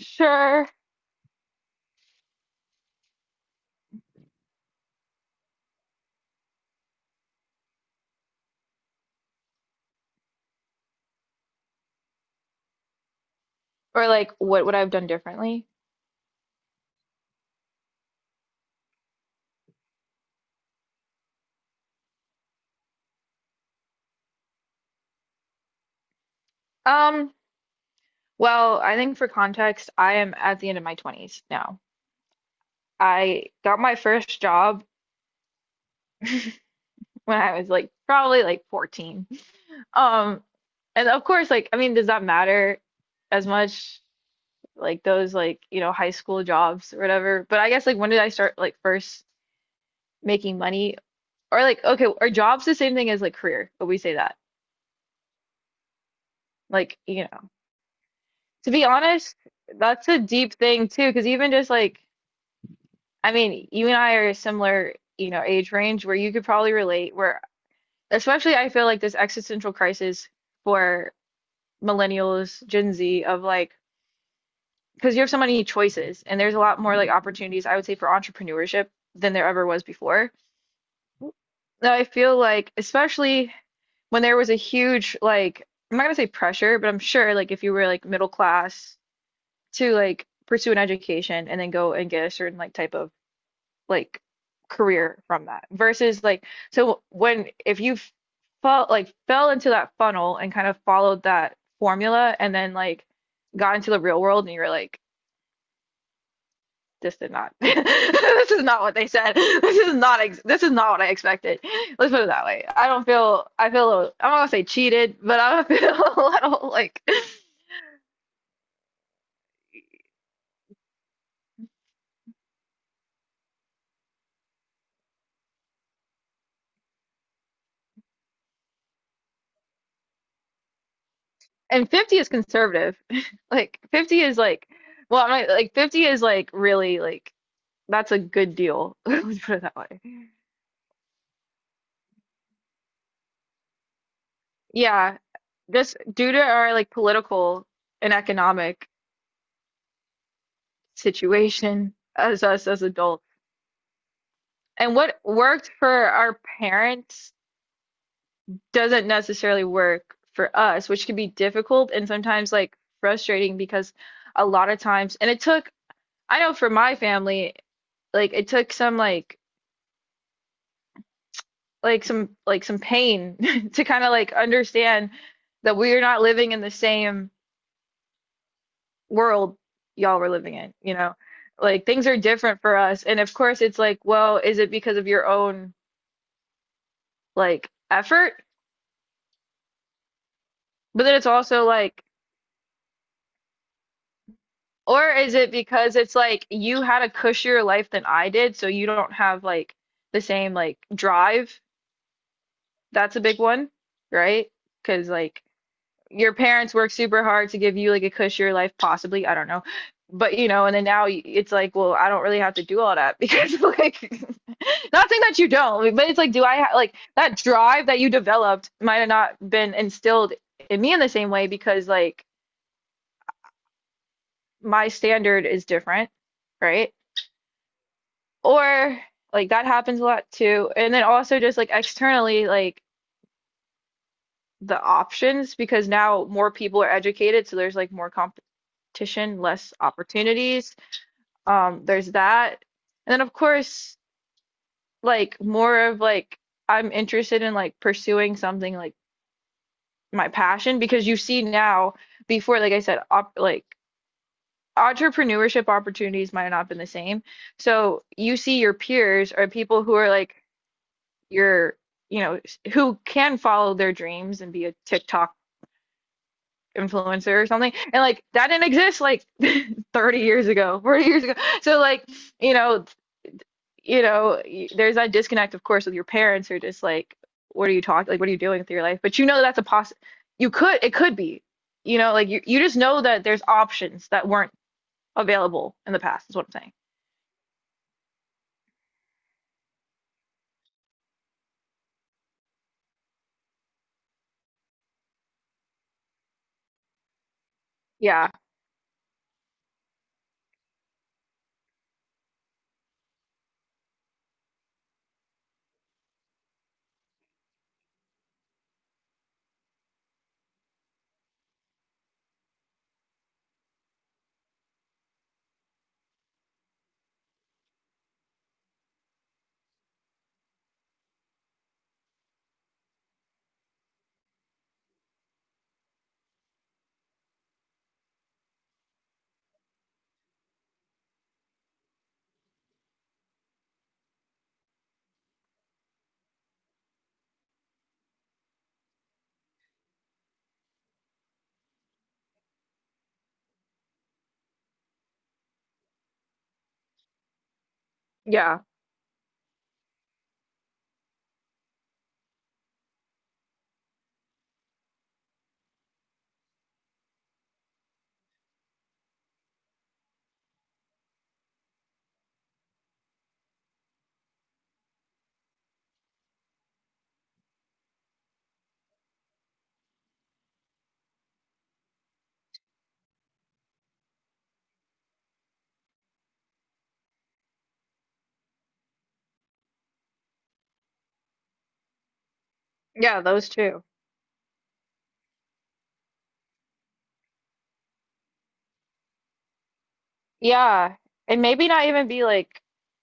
Sure. Or like what would I have done differently? Um, well, I think for context, I am at the end of my 20s now. I got my first job when I was like probably like 14. Um, and of course, like I mean, does that matter as much like those like, you know, high school jobs or whatever? But I guess like when did I start like first making money? Or like okay, are jobs the same thing as like career? But we say that. Like, you know. To be honest, that's a deep thing too, because even just like I mean, you and I are a similar, you know, age range where you could probably relate, where especially I feel like this existential crisis for millennials, Gen Z of like, because you have so many choices and there's a lot more like opportunities, I would say, for entrepreneurship than there ever was before. Now, I feel like, especially when there was a huge, like, I'm not gonna say pressure, but I'm sure like if you were like middle class to like pursue an education and then go and get a certain like type of like career from that versus like so when if you felt like fell into that funnel and kind of followed that formula and then like got into the real world and you were like this did not this is not what they said this is not ex this is not what I expected, let's put it that way. I don't feel, I feel a little, I'm not gonna say cheated, but I feel a little like and 50 is conservative. Like 50 is like, well I'm not, like 50 is like really like that's a good deal. Let's put it that way. Yeah, just due to our like political and economic situation as us as adults. And what worked for our parents doesn't necessarily work for us, which can be difficult and sometimes like frustrating because a lot of times, and it took, I know for my family, like it took some like like some some pain to kind of like understand that we are not living in the same world y'all were living in, you know? Like things are different for us. And of course it's like, well, is it because of your own like effort? But then it's also like, or is it because it's like you had a cushier life than I did, so you don't have like the same like drive? That's a big one, right? Because like your parents work super hard to give you like a cushier life, possibly, I don't know. But you know, and then now y- it's like, well, I don't really have to do all that because like, not saying that you don't, but it's like, do I ha like that drive that you developed might have not been instilled in me in the same way because like my standard is different, right? Or like that happens a lot too. And then also just like externally, like the options because now more people are educated, so there's like more competition, less opportunities. There's that. And then of course, like more of like I'm interested in like pursuing something like my passion because you see now before like I said op like entrepreneurship opportunities might not have been the same. So you see your peers or people who are like your you know who can follow their dreams and be a TikTok influencer or something and like that didn't exist like 30 years ago, 40 years ago, so like you know you know, there's that disconnect, of course, with your parents who are just like, what are you talking? Like, what are you doing with your life? But you know that's a poss. You could, it could be, you know, like you just know that there's options that weren't available in the past, is what I'm saying. Yeah, yeah, yeah, those two. Yeah, and maybe not even be like,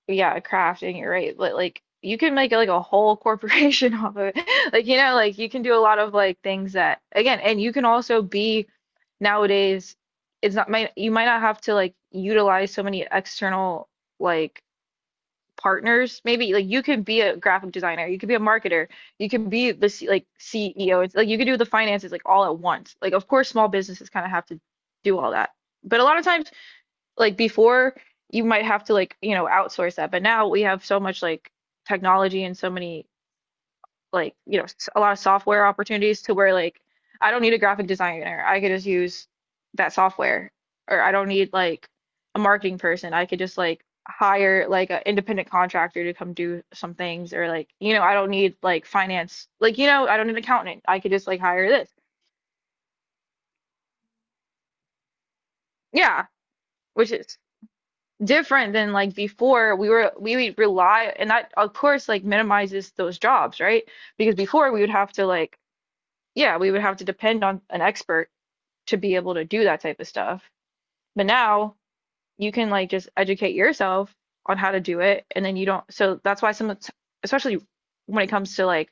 yeah, crafting, you're right, but like you can make like a whole corporation off of it. Like, you know, like you can do a lot of like things that again, and you can also be nowadays it's not might you might not have to like utilize so many external like partners. Maybe like you could be a graphic designer, you could be a marketer, you could be the C, like CEO. It's like you could do the finances like all at once. Like of course small businesses kind of have to do all that. But a lot of times like before you might have to like you know outsource that but now we have so much like technology and so many like you know s- a lot of software opportunities to where like I don't need a graphic designer, I could just use that software, or I don't need like a marketing person, I could just like hire like an independent contractor to come do some things, or like you know I don't need like finance, like you know I don't need an accountant, I could just like hire this. Yeah, which is different than like before we would rely, and that of course like minimizes those jobs, right? Because before we would have to like, yeah, we would have to depend on an expert to be able to do that type of stuff, but now you can like just educate yourself on how to do it and then you don't, so that's why some especially when it comes to like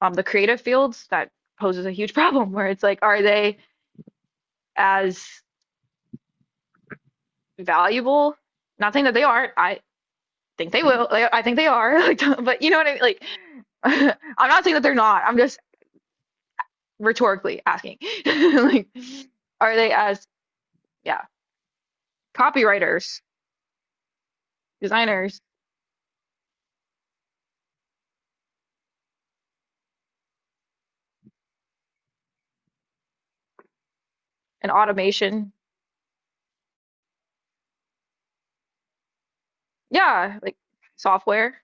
the creative fields that poses a huge problem where it's like are they as valuable, not saying that they aren't, I think they will. Like, I think they are. Like, but you know what I mean? Like, I'm not saying that they're not. I'm just rhetorically asking. Like, are they as, yeah, copywriters, designers, and automation? Yeah, like software.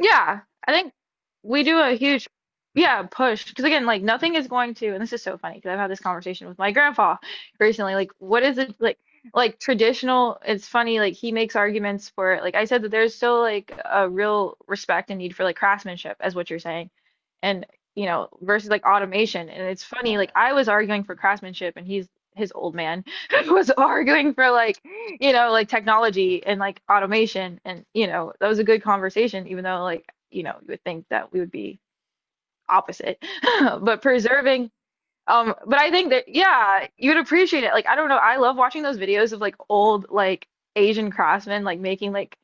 Yeah, I think we do a huge, yeah, push. Because again, like nothing is going to, and this is so funny because I've had this conversation with my grandpa recently. Like, what is it like? Like traditional, it's funny. Like he makes arguments for, like I said, that there's still like a real respect and need for like craftsmanship, as what you're saying, and you know, versus like automation. And it's funny. Like I was arguing for craftsmanship, and he's his old man was arguing for like, you know, like technology and like automation. And, you know, that was a good conversation, even though like, you know, you would think that we would be opposite. But preserving, but I think that, yeah, you'd appreciate it. Like, I don't know, I love watching those videos of like old like Asian craftsmen like making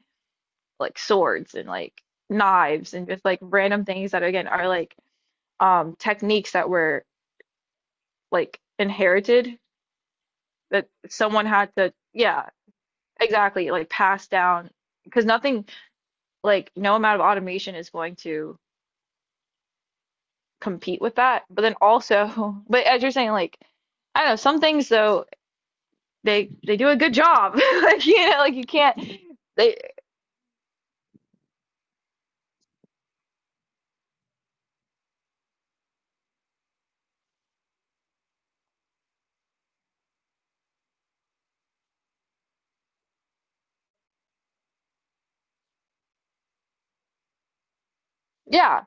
like swords and like knives and just like random things that again are like techniques that were like inherited that someone had to, yeah, exactly, like passed down because nothing like no amount of automation is going to compete with that. But then also, but as you're saying, like I don't know, some things though they do a good job. Like you know, like you can't they, yeah,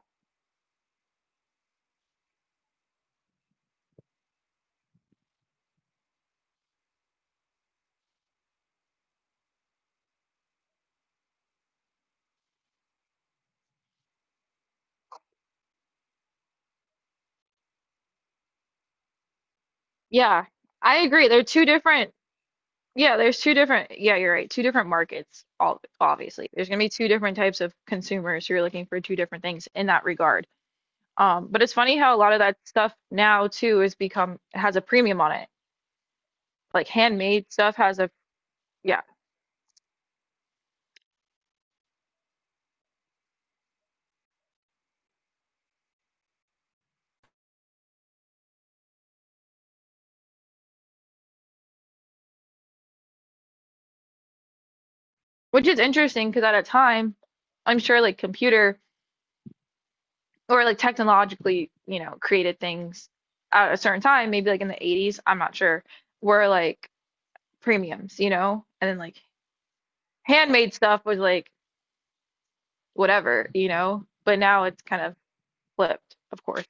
yeah. I agree. They're two different, yeah, there's two different, yeah, you're right. Two different markets, all obviously. There's gonna be two different types of consumers who are looking for two different things in that regard. But it's funny how a lot of that stuff now too has become has a premium on it like handmade stuff has a yeah, which is interesting because at a time I'm sure like computer or like technologically you know created things at a certain time maybe like in the 80s I'm not sure were like premiums, you know, and then like handmade stuff was like whatever, you know, but now it's kind of flipped, of course.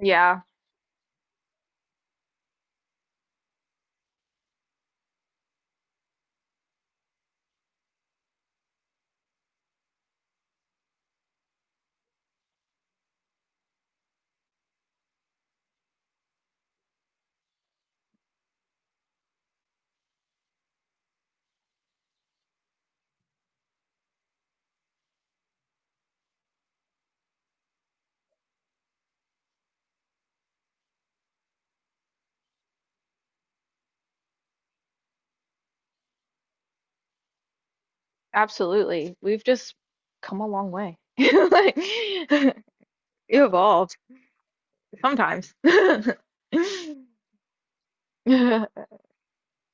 Yeah, absolutely we've just come a long way like evolved sometimes.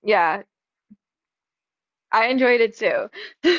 Yeah, I enjoyed it too.